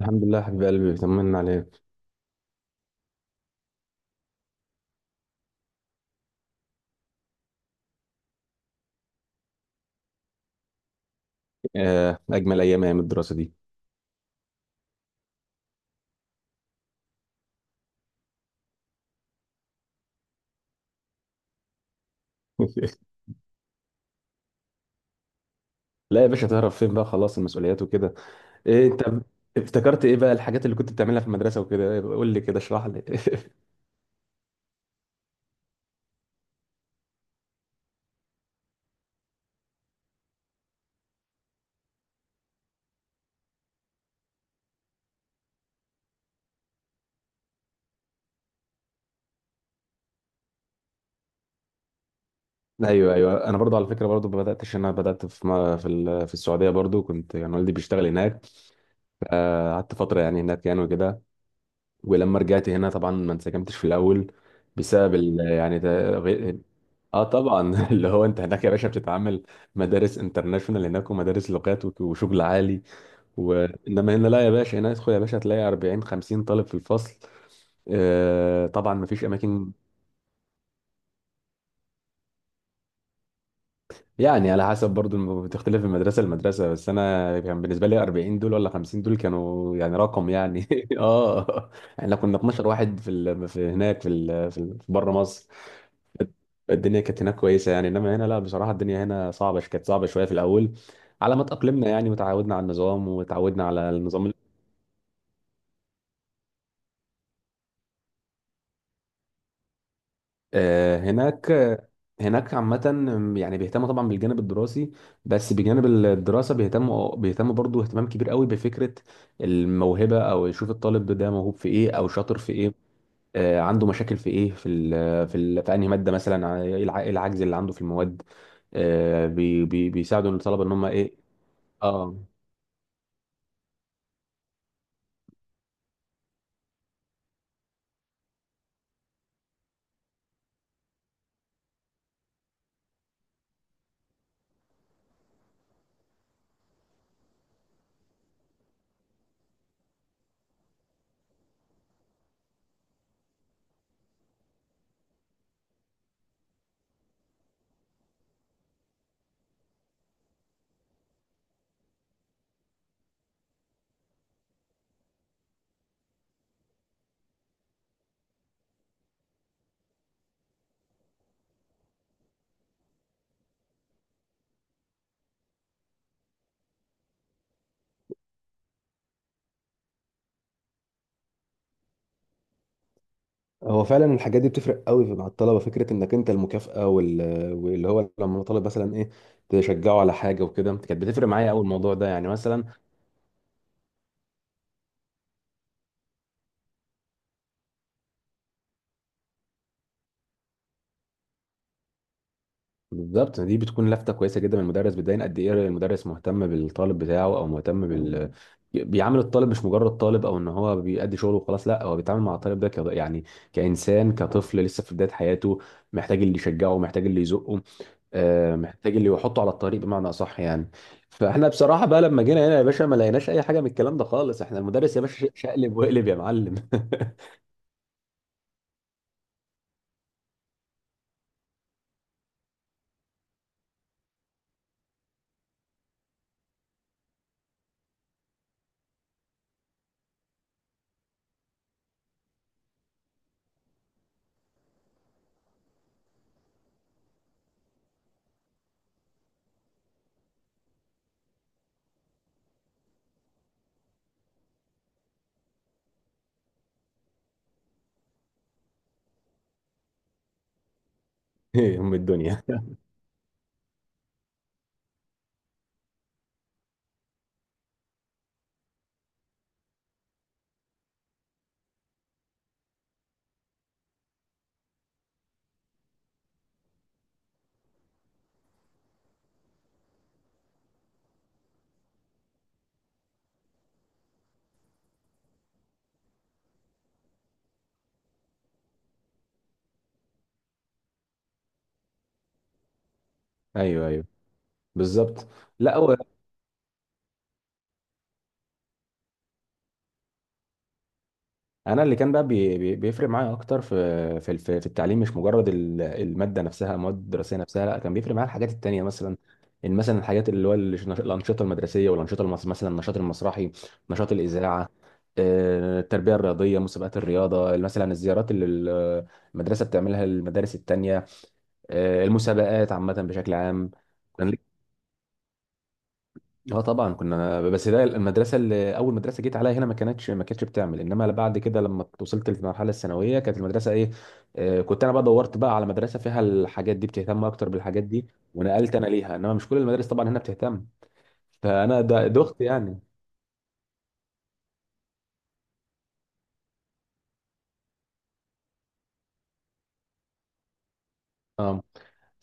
الحمد لله حبيب قلبي بيطمنا عليك. آه، اجمل ايام، ايام الدراسه دي. لا يا باشا، تعرف فين بقى؟ خلاص المسؤوليات وكده. إيه انت؟ افتكرت ايه بقى الحاجات اللي كنت بتعملها في المدرسه وكده؟ إيه، قول لي كده، اشرح لي. ايوه ايوه، انا برضو على فكره، برضو ما بداتش، انا بدات في السعوديه. برضو كنت يعني والدي بيشتغل هناك. آه، قعدت فتره يعني هناك يعني وكده. ولما رجعت هنا طبعا ما انسجمتش في الاول، يعني ده غير. اه طبعا. اللي هو انت هناك يا باشا بتتعامل مدارس انترناشونال هناك ومدارس لغات وشغل عالي. وانما هنا لا يا باشا، هنا ادخل يا باشا هتلاقي 40 50 طالب في الفصل. آه طبعا ما فيش اماكن. يعني على حسب برضو بتختلف من مدرسه لمدرسه، بس انا كان بالنسبه لي 40 دول ولا 50 دول كانوا يعني رقم يعني. اه. احنا كنا 12 واحد في هناك، في بره مصر. الدنيا كانت هناك كويسه يعني، انما هنا لا، بصراحه الدنيا هنا صعبه، كانت صعبه شويه في الاول على ما تأقلمنا يعني، وتعودنا على النظام آه، هناك عامة يعني بيهتموا طبعا بالجانب الدراسي. بس بجانب الدراسة بيهتموا برضو اهتمام كبير قوي بفكرة الموهبة، او يشوف الطالب ده موهوب في ايه او شاطر في ايه. آه، عنده مشاكل في ايه، في انهي مادة مثلا، ايه إيه العجز اللي عنده في المواد. آه، بي بي بيساعدوا الطلبة ان هم ايه. اه، هو فعلا الحاجات دي بتفرق قوي مع الطلبه، فكره انك انت المكافاه واللي هو لما طالب مثلا ايه تشجعه على حاجه وكده، كانت بتفرق معايا قوي الموضوع ده يعني مثلا. بالظبط، دي بتكون لفته كويسه جدا من المدرس، بتبين قد ايه المدرس مهتم بالطالب بتاعه او مهتم. بيعامل الطالب مش مجرد طالب، او ان هو بيأدي شغله وخلاص، لا، هو بيتعامل مع الطالب ده يعني كانسان، كطفل لسه في بدايه حياته، محتاج اللي يشجعه، محتاج اللي يزقه، آه، محتاج اللي يحطه على الطريق بمعنى اصح يعني. فاحنا بصراحه بقى لما جينا هنا يا باشا ما لقيناش اي حاجه من الكلام ده خالص، احنا المدرس يا باشا شقلب وقلب يا معلم. ام الدنيا. ايوه ايوه، بالظبط. لا هو انا، اللي كان بقى بيفرق معايا اكتر في التعليم، مش مجرد الماده نفسها، المواد الدراسيه نفسها، لا، كان بيفرق معايا الحاجات التانيه مثلا. ان مثلا الحاجات اللي هو الانشطه المدرسيه والانشطه مثلا النشاط المسرحي، نشاط الاذاعه، آه، التربيه الرياضيه، مسابقات الرياضه مثلا، الزيارات اللي المدرسه بتعملها للمدارس التانيه، آه، المسابقات عامه بشكل عام. اه طبعا كنا، بس ده المدرسه اللي اول مدرسه جيت عليها هنا ما كانتش، بتعمل. انما بعد كده لما وصلت للمرحله الثانويه كانت المدرسه ايه، آه، كنت انا بقى دورت بقى على مدرسه فيها الحاجات دي، بتهتم اكتر بالحاجات دي، ونقلت انا ليها. انما مش كل المدارس طبعا هنا بتهتم، فانا ده دخت يعني. اه.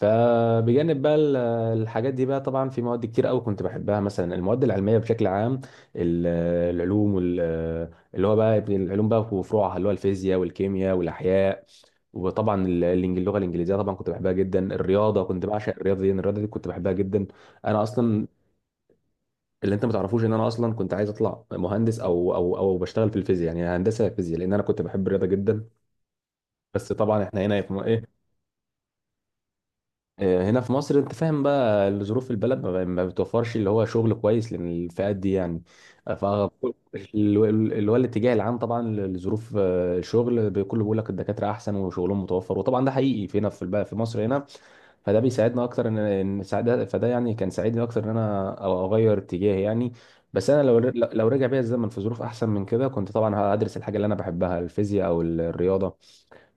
فبجانب بقى الحاجات دي بقى، طبعا في مواد كتير قوي كنت بحبها، مثلا المواد العلميه بشكل عام، ال- العلوم اللي هو بقى العلوم بقى وفروعها، اللي هو الفيزياء والكيمياء والاحياء، وطبعا اللغه الانجليزيه طبعا كنت بحبها جدا. الرياضه كنت بعشق الرياضه دي، كنت بحبها جدا. انا اصلا، اللي انت ما تعرفوش، ان انا اصلا كنت عايز اطلع مهندس، او بشتغل في الفيزياء، يعني هندسه فيزياء، لان انا كنت بحب الرياضه جدا. بس طبعا احنا هنا، آه، هنا في مصر انت فاهم بقى، ظروف البلد ما بتوفرش اللي هو شغل كويس للفئات دي يعني. ف اللي هو الاتجاه العام طبعا لظروف، آه، الشغل كله بيقول لك الدكاتره احسن وشغلهم متوفر، وطبعا ده حقيقي في هنا في مصر هنا. فده بيساعدنا اكتر، ان ان ساعد- فده يعني كان ساعدني اكتر ان انا اغير اتجاهي يعني. بس انا لو رجع بيا الزمن في ظروف احسن من كده، كنت طبعا هدرس الحاجه اللي انا بحبها، الفيزياء او الرياضه.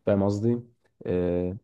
فاهم قصدي؟ آه،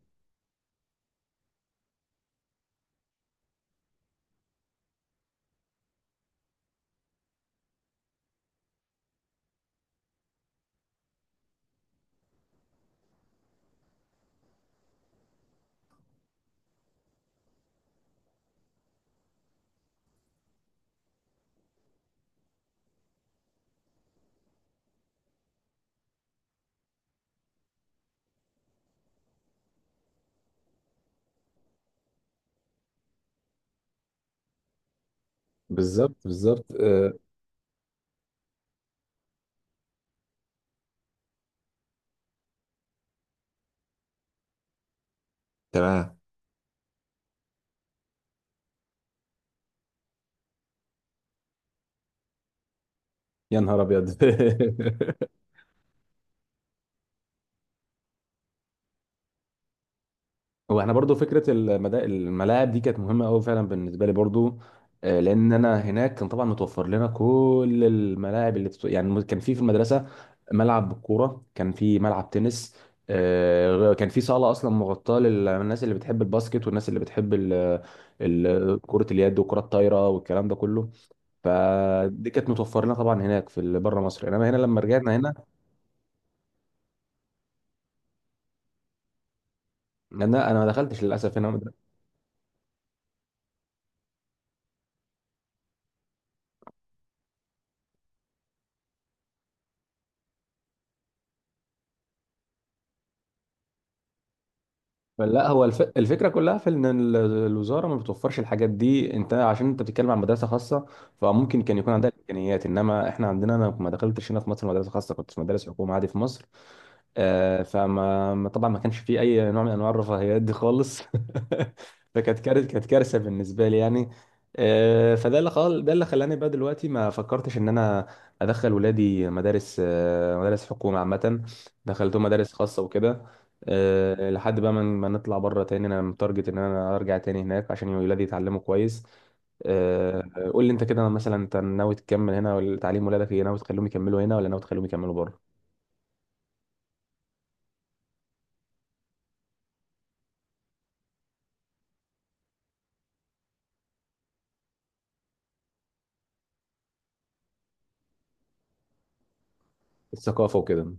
بالظبط بالظبط، آه، تمام. يا نهار ابيض. هو احنا برضو فكره الملاعب دي كانت مهمه قوي فعلا بالنسبه لي برضو. آه، لان انا هناك كان طبعا متوفر لنا كل الملاعب اللي يعني كان في المدرسه ملعب كوره، كان في ملعب تنس، آه، كان في صاله اصلا مغطاه للناس اللي بتحب الباسكت والناس اللي بتحب كره اليد وكره الطايره والكلام ده كله. فدي كانت متوفر لنا طبعا هناك في بره مصر، انما هنا لما رجعنا هنا، انا ما دخلتش للاسف هنا. لا هو الفكره كلها في ان الوزاره ما بتوفرش الحاجات دي. انت عشان انت بتتكلم عن مدرسه خاصه، فممكن كان يكون عندها الامكانيات. انما احنا عندنا، انا ما دخلتش هنا في مصر مدرسه خاصه، كنت في مدارس حكومه عادي في مصر. آه، فما ما- طبعا ما كانش فيه اي نوع من انواع الرفاهيات دي خالص. فكانت كارثه، كانت كارثه بالنسبه لي يعني. آه، ده اللي خلاني بقى دلوقتي ما فكرتش ان انا ادخل ولادي مدارس، مدارس حكومه عامه. دخلتهم مدارس خاصه وكده، آه، لحد بقى ما نطلع بره تاني. انا متارجت ان انا ارجع تاني هناك عشان ولادي يتعلموا كويس. آه، قول لي انت كده مثلا، انت ناوي تكمل هنا ولا تعليم ولادك ايه؟ ناوي تخليهم يكملوا هنا ولا ناوي تخليهم يكملوا بره؟ الثقافه وكده.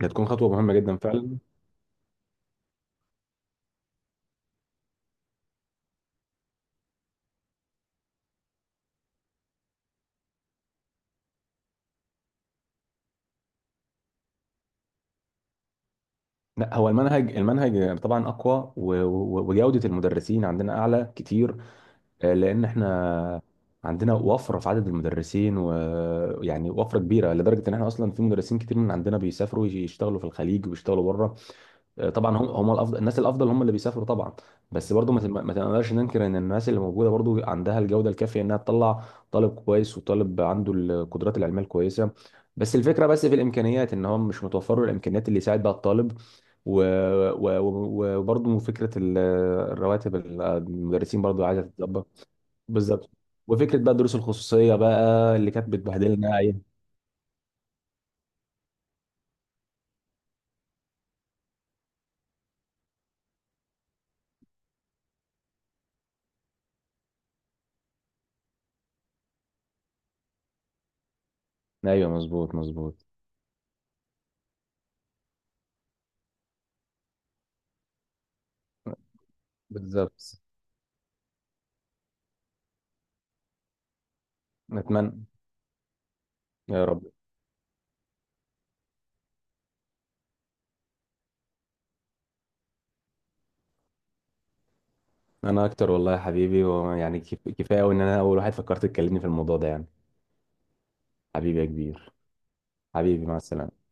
هتكون خطوة مهمة جدا فعلا. لا هو المنهج، طبعا أقوى، وجودة المدرسين عندنا أعلى كتير. آه، لأن احنا عندنا وفرة في عدد المدرسين، ويعني وفرة كبيرة لدرجة إن احنا أصلا في مدرسين كتير من عندنا بيسافروا يشتغلوا في الخليج وبيشتغلوا بره. آه، طبعا هم، الافضل، الناس الافضل هم اللي بيسافروا طبعا. بس برضو ما ما تقدرش ننكر ان الناس اللي موجوده برضو عندها الجوده الكافيه انها تطلع طالب كويس، وطالب عنده القدرات العلميه الكويسه. بس الفكره، بس في الامكانيات، ان هم مش متوفر له الامكانيات اللي يساعد بها الطالب. و- وبرضو فكره الرواتب المدرسين برضو عايزه تتظبط. بالظبط. وفكره بقى الدروس الخصوصيه بقى اللي كانت بتبهدلنا، ايوه. ايوه مظبوط مظبوط. بالظبط. نتمنى. يا رب. انا اكتر والله يا حبيبي، ويعني كفايه قوي ان انا اول واحد فكرت تكلمني في الموضوع ده يعني. حبيبي يا كبير. حبيبي مع السلامه.